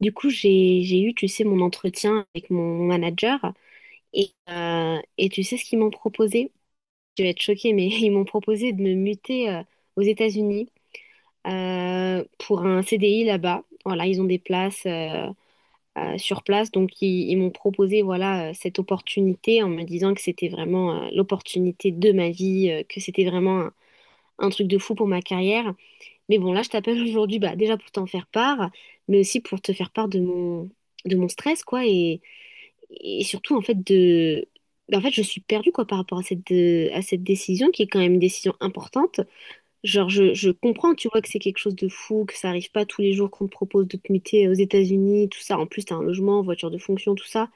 Du coup, j'ai eu, tu sais, mon entretien avec mon manager et tu sais ce qu'ils m'ont proposé? Tu vas être choquée, mais ils m'ont proposé de me muter aux États-Unis pour un CDI là-bas. Voilà, ils ont des places sur place, donc ils m'ont proposé voilà cette opportunité en me disant que c'était vraiment l'opportunité de ma vie, que c'était vraiment un truc de fou pour ma carrière. Mais bon, là, je t'appelle aujourd'hui, bah déjà pour t'en faire part, mais aussi pour te faire part de mon stress, quoi, et surtout en fait de ben, en fait je suis perdue quoi par rapport à cette décision qui est quand même une décision importante. Genre je comprends tu vois que c'est quelque chose de fou, que ça arrive pas tous les jours qu'on te propose de te muter aux États-Unis, tout ça, en plus t'as un logement, voiture de fonction, tout ça,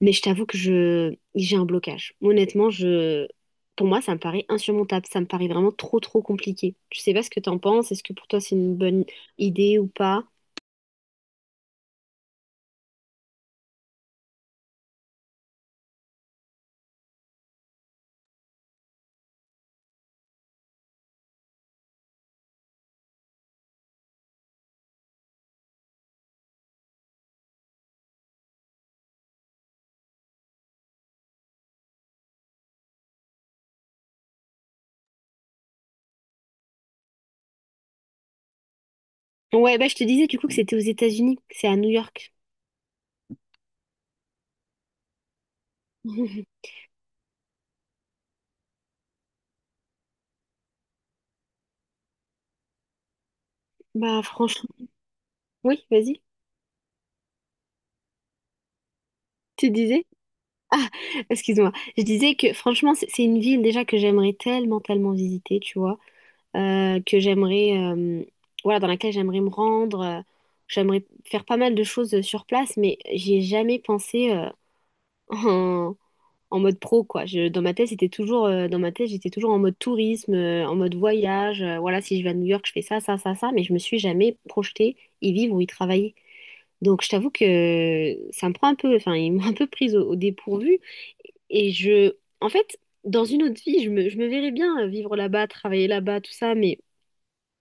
mais je t'avoue que je j'ai un blocage. Honnêtement, je, pour moi ça me paraît insurmontable, ça me paraît vraiment trop trop compliqué. Je sais pas ce que t'en penses. Est-ce que pour toi c'est une bonne idée ou pas? Ouais, bah je te disais du coup que c'était aux États-Unis, que c'est à New York. Bah franchement. Oui, vas-y. Tu disais, excuse-moi, je disais que franchement, c'est une ville déjà que j'aimerais tellement, tellement visiter, tu vois, que j'aimerais, voilà, dans laquelle j'aimerais me rendre, j'aimerais faire pas mal de choses sur place, mais j'y ai jamais pensé en, en mode pro, quoi. Je, dans ma tête, c'était toujours, dans ma tête, j'étais toujours en mode tourisme, en mode voyage, voilà, si je vais à New York, je fais ça, ça, ça, ça, mais je me suis jamais projetée y vivre ou y travailler. Donc, je t'avoue que ça me prend un peu, enfin, ils m'ont un peu prise au dépourvu. Et je, en fait, dans une autre vie, je me verrais bien vivre là-bas, travailler là-bas, tout ça. Mais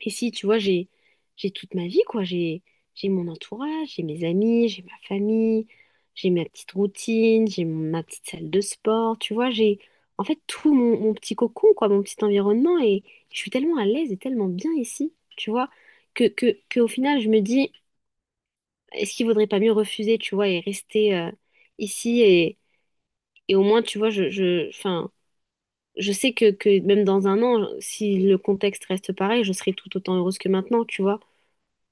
ici, tu vois, j'ai toute ma vie, quoi. J'ai mon entourage, j'ai mes amis, j'ai ma famille, j'ai ma petite routine, ma petite salle de sport. Tu vois, j'ai, en fait, tout mon, mon petit cocon, quoi, mon petit environnement. Et je suis tellement à l'aise et tellement bien ici, tu vois, que au final, je me dis, est-ce qu'il vaudrait pas mieux refuser, tu vois, et rester ici et au moins, tu vois, enfin je sais que même dans un an, si le contexte reste pareil, je serai tout autant heureuse que maintenant, tu vois.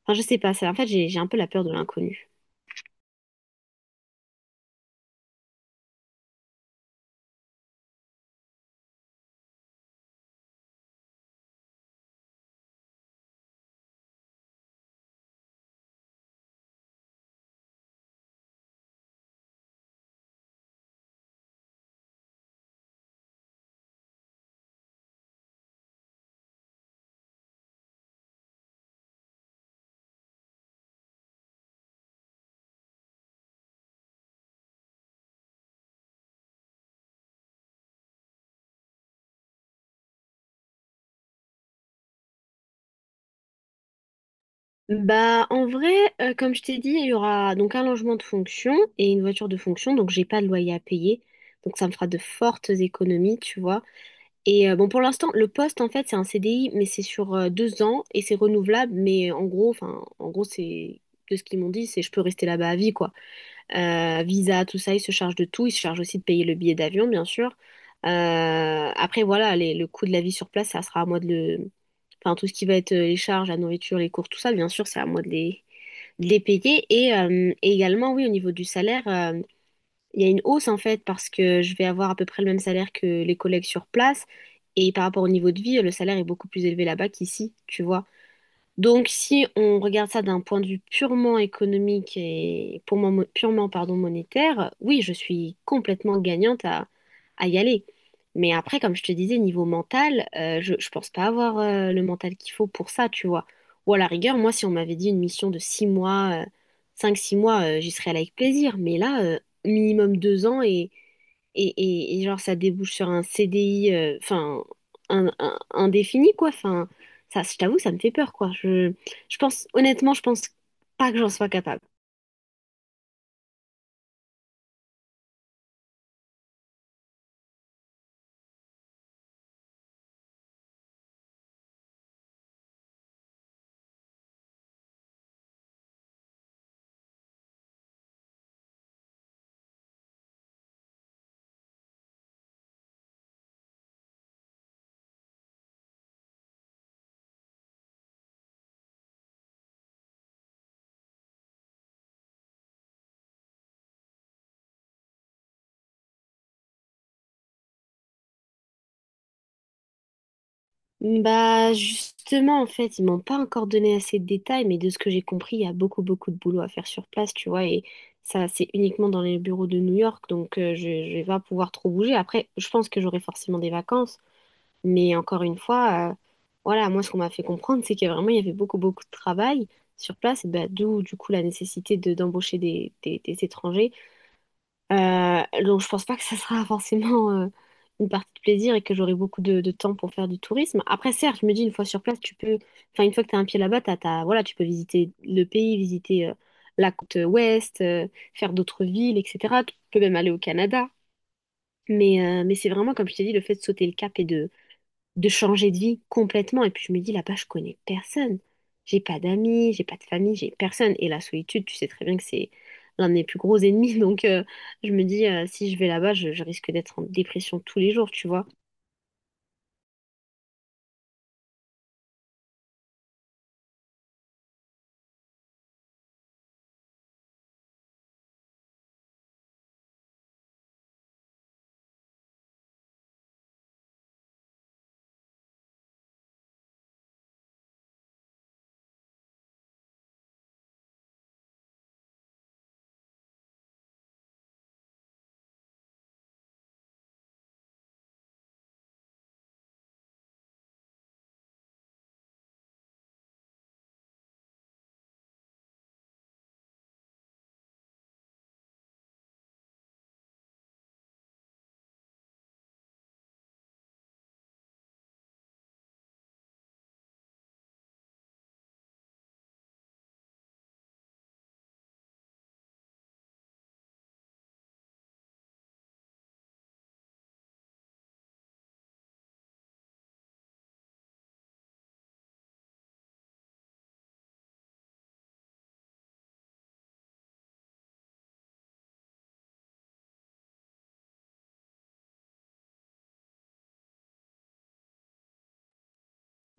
Enfin, je sais pas, ça, en fait, j'ai un peu la peur de l'inconnu. Bah, en vrai, comme je t'ai dit, il y aura donc un logement de fonction et une voiture de fonction, donc j'ai pas de loyer à payer. Donc ça me fera de fortes économies, tu vois. Et bon, pour l'instant, le poste, en fait, c'est un CDI, mais c'est sur deux ans et c'est renouvelable. Mais en gros, c'est de ce qu'ils m'ont dit, c'est je peux rester là-bas à vie, quoi. Visa, tout ça, ils se chargent de tout. Ils se chargent aussi de payer le billet d'avion, bien sûr. Après, voilà, le coût de la vie sur place, ça sera à moi de le... Enfin, tout ce qui va être les charges, la nourriture, les cours, tout ça, bien sûr, c'est à moi de de les payer. Et également, oui, au niveau du salaire, il y a une hausse en fait parce que je vais avoir à peu près le même salaire que les collègues sur place, et par rapport au niveau de vie, le salaire est beaucoup plus élevé là-bas qu'ici, tu vois. Donc, si on regarde ça d'un point de vue purement économique et pour moi, purement pardon, monétaire, oui, je suis complètement gagnante à y aller. Mais après, comme je te disais, niveau mental, je pense pas avoir le mental qu'il faut pour ça, tu vois. Ou à la rigueur, moi, si on m'avait dit une mission de six mois, six mois, j'y serais allée avec plaisir. Mais là, minimum deux ans et genre ça débouche sur un CDI, enfin, indéfini, quoi. Enfin, ça, je t'avoue, ça me fait peur, quoi. Je pense, honnêtement, je pense pas que j'en sois capable. Bah, justement, en fait, ils m'ont pas encore donné assez de détails, mais de ce que j'ai compris, il y a beaucoup, beaucoup de boulot à faire sur place, tu vois, et ça, c'est uniquement dans les bureaux de New York, donc je vais pas pouvoir trop bouger. Après, je pense que j'aurai forcément des vacances, mais encore une fois, voilà, moi, ce qu'on m'a fait comprendre, c'est qu'il y a vraiment, il y avait beaucoup, beaucoup de travail sur place, et bah, d'où, du coup, la nécessité d'embaucher des étrangers. Donc je pense pas que ça sera forcément une partie de plaisir et que j'aurai beaucoup de temps pour faire du tourisme. Après, certes, je me dis une fois sur place, tu peux, enfin une fois que tu as un pied là-bas, voilà, tu peux visiter le pays, visiter la côte ouest, faire d'autres villes, etc. Tu peux même aller au Canada. Mais c'est vraiment, comme je t'ai dit, le fait de sauter le cap et de changer de vie complètement. Et puis je me dis, là-bas, je connais personne. J'ai pas d'amis, j'ai pas de famille, j'ai personne. Et la solitude, tu sais très bien que c'est l'un de mes plus gros ennemis. Donc je me dis, si je vais là-bas, je risque d'être en dépression tous les jours, tu vois.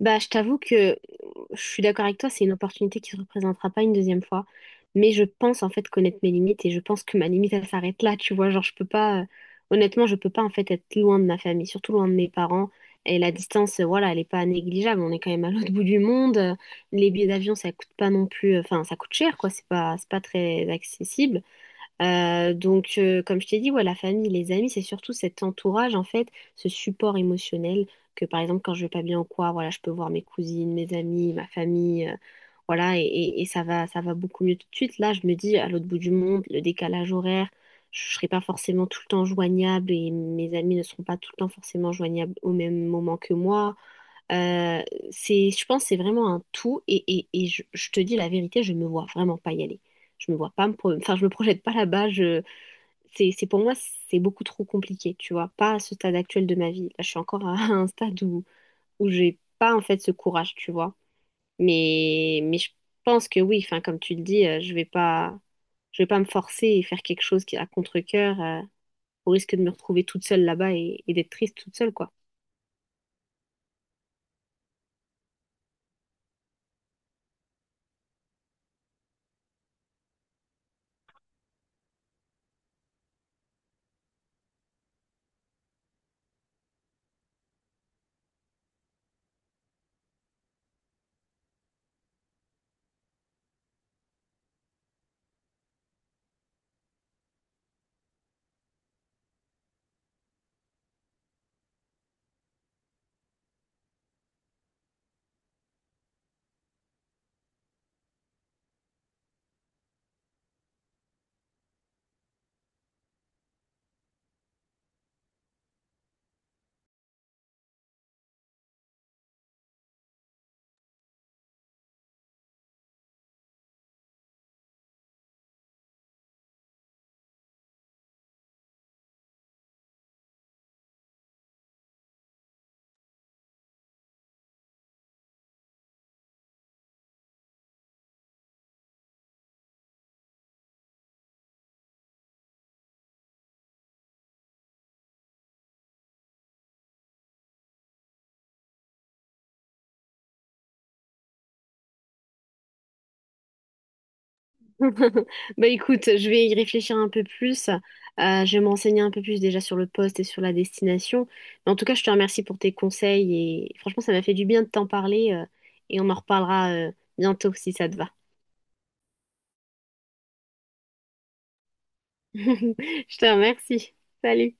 Bah, je t'avoue que je suis d'accord avec toi, c'est une opportunité qui ne se représentera pas une deuxième fois. Mais je pense en fait connaître mes limites et je pense que ma limite elle s'arrête là, tu vois. Genre, je peux pas, honnêtement, je peux pas en fait être loin de ma famille, surtout loin de mes parents. Et la distance, voilà, elle est pas négligeable. On est quand même à l'autre bout du monde. Les billets d'avion, ça coûte pas non plus, ça coûte cher, quoi. C'est pas très accessible. Donc, comme je t'ai dit, ouais, la famille, les amis, c'est surtout cet entourage, en fait, ce support émotionnel que, par exemple, quand je vais pas bien ou quoi, voilà, je peux voir mes cousines, mes amis, ma famille, voilà, et ça va beaucoup mieux tout de suite. Là, je me dis, à l'autre bout du monde, le décalage horaire, je serai pas forcément tout le temps joignable et mes amis ne seront pas tout le temps forcément joignables au même moment que moi. Euh, c'est, je pense que c'est vraiment un tout je te dis la vérité, je me vois vraiment pas y aller. Je me vois pas enfin, je me projette pas là-bas. Je, c'est pour moi, c'est beaucoup trop compliqué, tu vois. Pas à ce stade actuel de ma vie. Là, je suis encore à un stade où j'ai pas en fait ce courage, tu vois. Mais je pense que oui, enfin, comme tu le dis, je vais pas me forcer et faire quelque chose qui à contre-cœur, au risque de me retrouver toute seule là-bas et d'être triste toute seule, quoi. Bah écoute, je vais y réfléchir un peu plus. Je vais m'enseigner un peu plus déjà sur le poste et sur la destination. Mais en tout cas, je te remercie pour tes conseils et franchement, ça m'a fait du bien de t'en parler et on en reparlera bientôt si ça te va. Je te remercie. Salut.